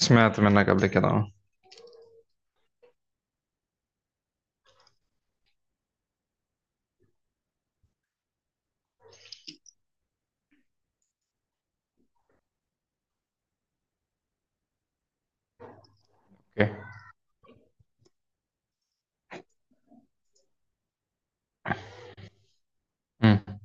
سمعت منك قبل كده، اه. اوكي. امم.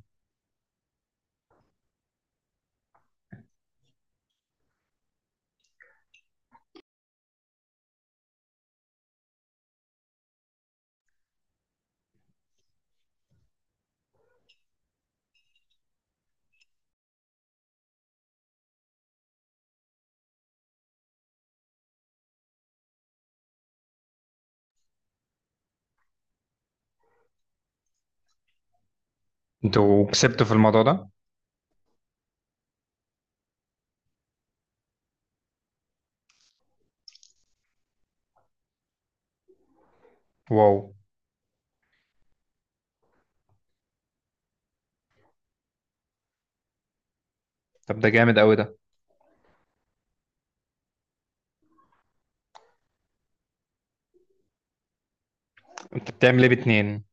انتوا كسبتوا في الموضوع ده؟ واو. طب ده جامد قوي ده. انت بتعمل ايه باتنين؟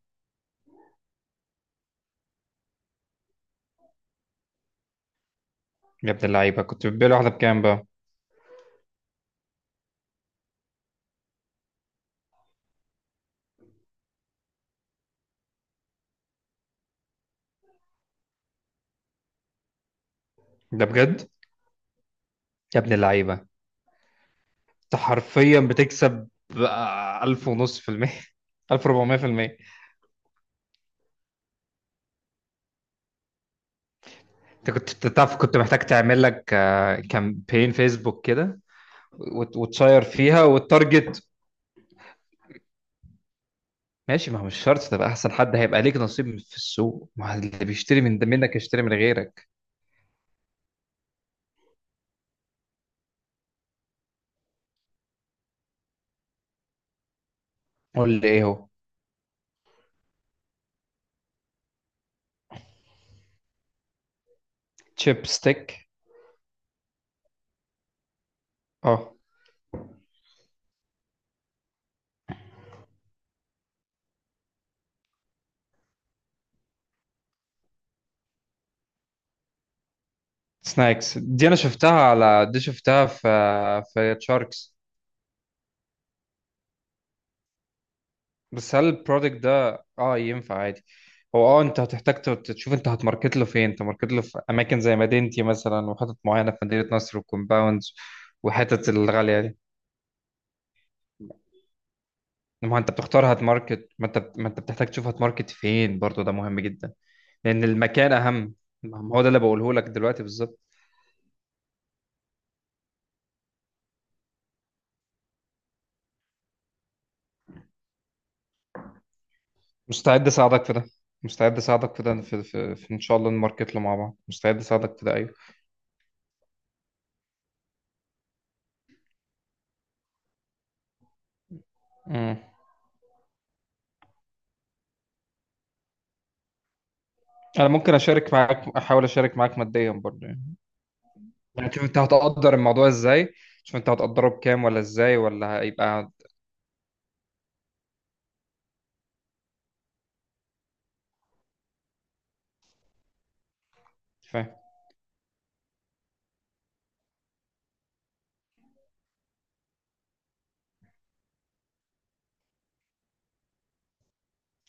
يا ابن اللعيبه، كنت بتبيع واحده بكام بقى؟ ده بجد؟ يا ابن اللعيبه، انت حرفيا بتكسب بقى الف ونص في المية. الف ربعمية في المية. انت كنت بتعرف، كنت محتاج تعمل لك كامبين فيسبوك كده، وتشير فيها والتارجت. ماشي، ما هو مش شرط تبقى احسن حد، هيبقى ليك نصيب في السوق، ما هو اللي بيشتري من ده منك يشتري من غيرك. قول لي ايه هو. تشيب ستيك. اه. سناكس دي انا شفتها على دي، شفتها في في شاركس. بس هل البرودكت ده اه ينفع عادي؟ هو اه انت هتحتاج تشوف انت هتماركت له فين، انت ماركت له في اماكن زي مدينتي مثلا، وحتت معينه في مدينه نصر وكومباوندز، وحتت الغاليه دي. ما هو انت بتختار هتماركت، ما انت بتحتاج تشوف هتماركت فين برضو، ده مهم جدا. لأن المكان أهم، ما هو ده اللي بقوله لك دلوقتي بالظبط. مستعد أساعدك في ده، مستعد أساعدك في ده، في إن شاء الله نماركت له مع بعض، مستعد أساعدك في ده. أيوه. مم. أنا ممكن أشارك معاك، أحاول أشارك معاك ماديا برضه يعني. يعني شوف أنت هتقدر الموضوع إزاي، شوف أنت هتقدره بكام ولا إزاي ولا هيبقى. فاهم.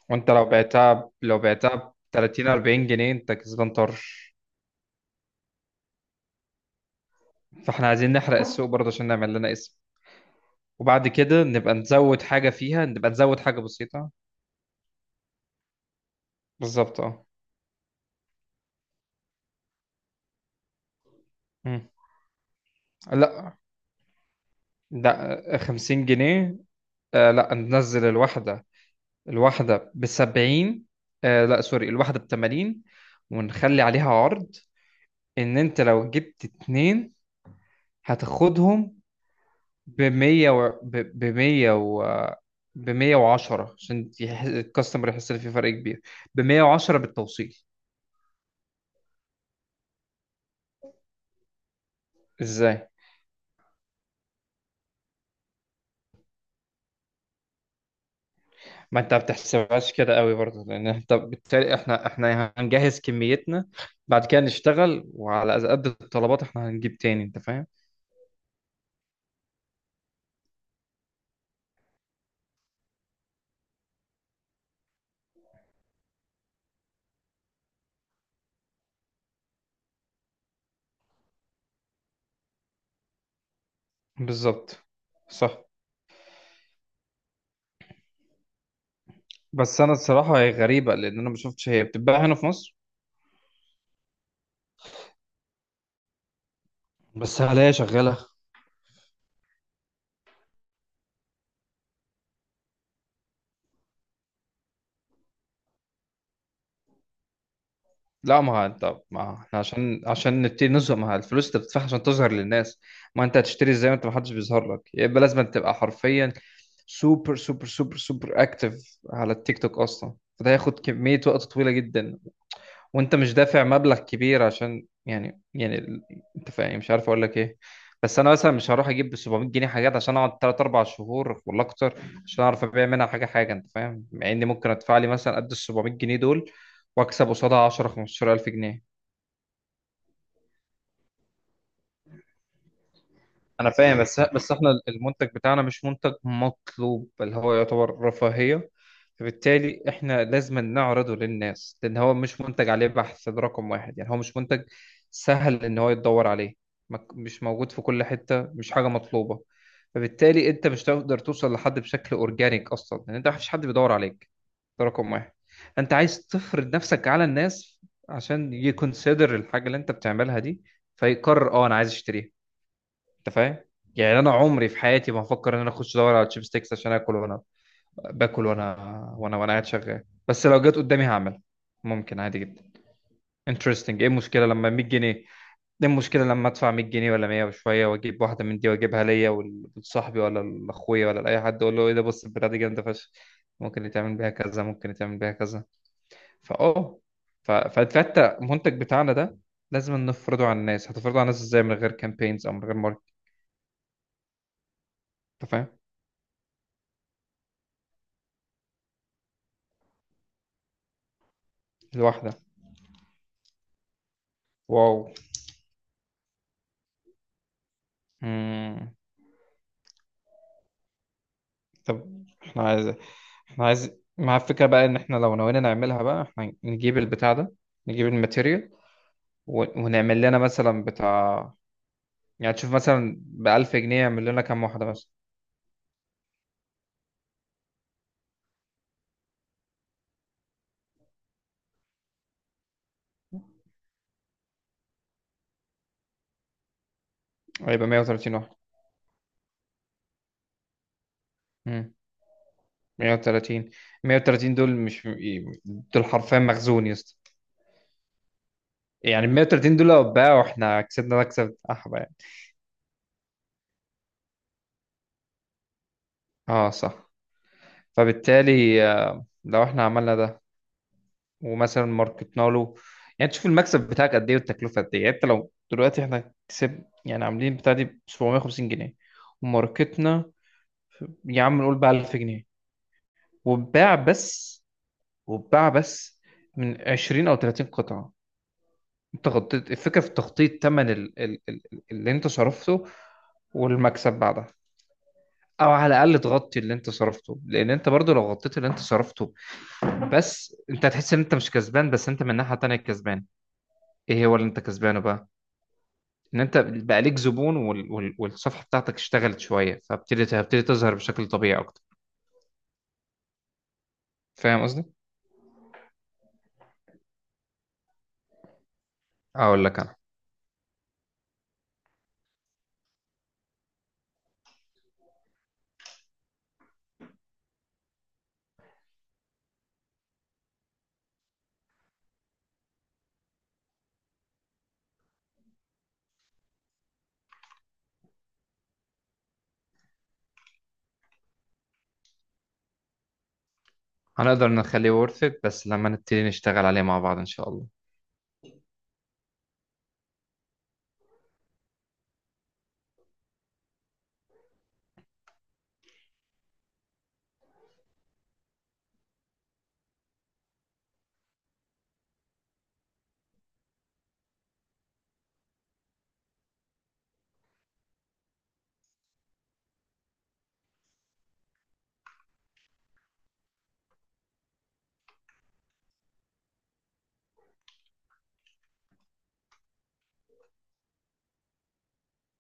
وأنت لو لو بعتها ب 30 40 جنيه أنت كسبان طرش. فإحنا عايزين نحرق السوق برضه عشان نعمل لنا اسم، وبعد كده نبقى نزود حاجة فيها، نبقى نزود حاجة بسيطة. بالظبط، أه. مم. لا، ده 50 جنيه. آه لا، ننزل الواحدة، الواحدة ب 70. آه لا سوري، الواحدة ب 80، ونخلي عليها عرض ان انت لو جبت اتنين هتاخدهم ب 100 و... ب 100 و... ب 110، عشان الكاستمر يحس ان في فرق كبير، ب 110 بالتوصيل. ازاي؟ ما انت ما بتحسبهاش كده قوي برضه، لان انت بالتالي، احنا هنجهز كميتنا بعد كده نشتغل، وعلى قد الطلبات احنا هنجيب تاني، انت فاهم. بالظبط، صح. بس انا الصراحه هي غريبه، لان انا ما شفتش هي بتتباع هنا في مصر. بس هل هي شغاله؟ لا ما هو انت، ما احنا عشان نبتدي نظهر، ما هو الفلوس انت بتدفعها عشان تظهر للناس، ما انت هتشتري ازاي؟ ما انت ما حدش بيظهر لك، يبقى لازم تبقى حرفيا سوبر سوبر سوبر سوبر اكتف على التيك توك اصلا، فده هياخد كميه وقت طويله جدا. وانت مش دافع مبلغ كبير عشان يعني انت فاهم، مش عارف اقول لك ايه. بس انا مثلا مش هروح اجيب ب 700 جنيه حاجات، عشان اقعد 3 4 شهور ولا اكتر عشان اعرف ابيع منها حاجه حاجه، انت فاهم. مع اني ممكن ادفع لي مثلا قد ال 700 جنيه دول، واكسب قصادها 10 15,000 جنيه. انا فاهم، بس احنا المنتج بتاعنا مش منتج مطلوب، بل هو يعتبر رفاهية. فبالتالي احنا لازم نعرضه للناس، لان هو مش منتج عليه بحث، ده رقم واحد، يعني هو مش منتج سهل ان هو يتدور عليه. مش موجود في كل حتة، مش حاجة مطلوبة. فبالتالي انت مش هتقدر توصل لحد بشكل اورجانيك اصلا، لان انت مفيش حد بيدور عليك، ده رقم واحد. انت عايز تفرض نفسك على الناس عشان يكونسيدر الحاجة اللي انت بتعملها دي، فيقرر اه انا عايز اشتريها، انت فاهم. يعني انا عمري في حياتي ما هفكر ان انا اخش ادور على تشيب ستيكس عشان اكل، وانا باكل وانا قاعد شغال، بس لو جت قدامي هعملها، ممكن عادي جدا. انترستنج. ايه المشكله لما 100 جنيه؟ ايه المشكله لما ادفع 100 جنيه ولا 100 وشويه واجيب واحده من دي واجيبها ليا ولصاحبي ولا لاخويا ولا لاي حد، اقول له ايه ده، بص البتاعه دي جامده فشخ، ممكن يتعمل بيها كذا، ممكن يتعمل بيها كذا. فاه ف- ف- فحتى المنتج بتاعنا ده لازم نفرضه على الناس، هتفرضه على الناس ازاي من غير كامبينز او من غير ماركت؟ انت فاهم. الواحده. واو. مم. طب احنا عايز، احنا عايز مع الفكرة بقى ان احنا لو نوينا نعملها، بقى احنا نجيب البتاع ده، نجيب الماتيريال، ونعمل لنا مثلا بتاع، يعني تشوف مثلا بألف جنيه يعمل لنا كام واحدة مثلا. هيبقى 130 واحدة. مم. 130 130 دول مش، دول حرفيا مخزون يا اسطى. يعني 130 دول لو اتباعوا احنا كسبنا مكسب احبه يعني. اه صح. فبالتالي، آه، لو احنا عملنا ده ومثلا ماركتنا له، يعني تشوف المكسب بتاعك قد ايه والتكلفه قد ايه، يعني انت لو دلوقتي احنا كسب يعني عاملين بتاع دي ب 750 جنيه، وماركتنا، يا عم نقول بقى 1000 جنيه، واتباع بس، واتباع بس من 20 او 30 قطعه، انت غطيت الفكره في تغطيه ثمن اللي انت صرفته، والمكسب بعدها، او على الاقل تغطي اللي انت صرفته، لان انت برضو لو غطيت اللي انت صرفته، بس انت هتحس ان انت مش كسبان، بس انت من ناحيه تانية كسبان. ايه هو اللي انت كسبانه بقى؟ ان انت بقى ليك زبون، والصفحه بتاعتك اشتغلت شويه، هتبتدي تظهر بشكل طبيعي اكتر، فاهم قصدي. اقول لك انا، هنقدر نخليه ورث بس لما نبتدي نشتغل عليه مع بعض ان شاء الله.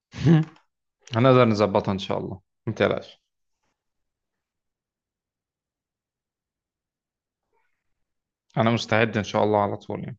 هنقدر نظبطها ان شاء الله، ما تقلقش، انا مستعد ان شاء الله على طول يعني.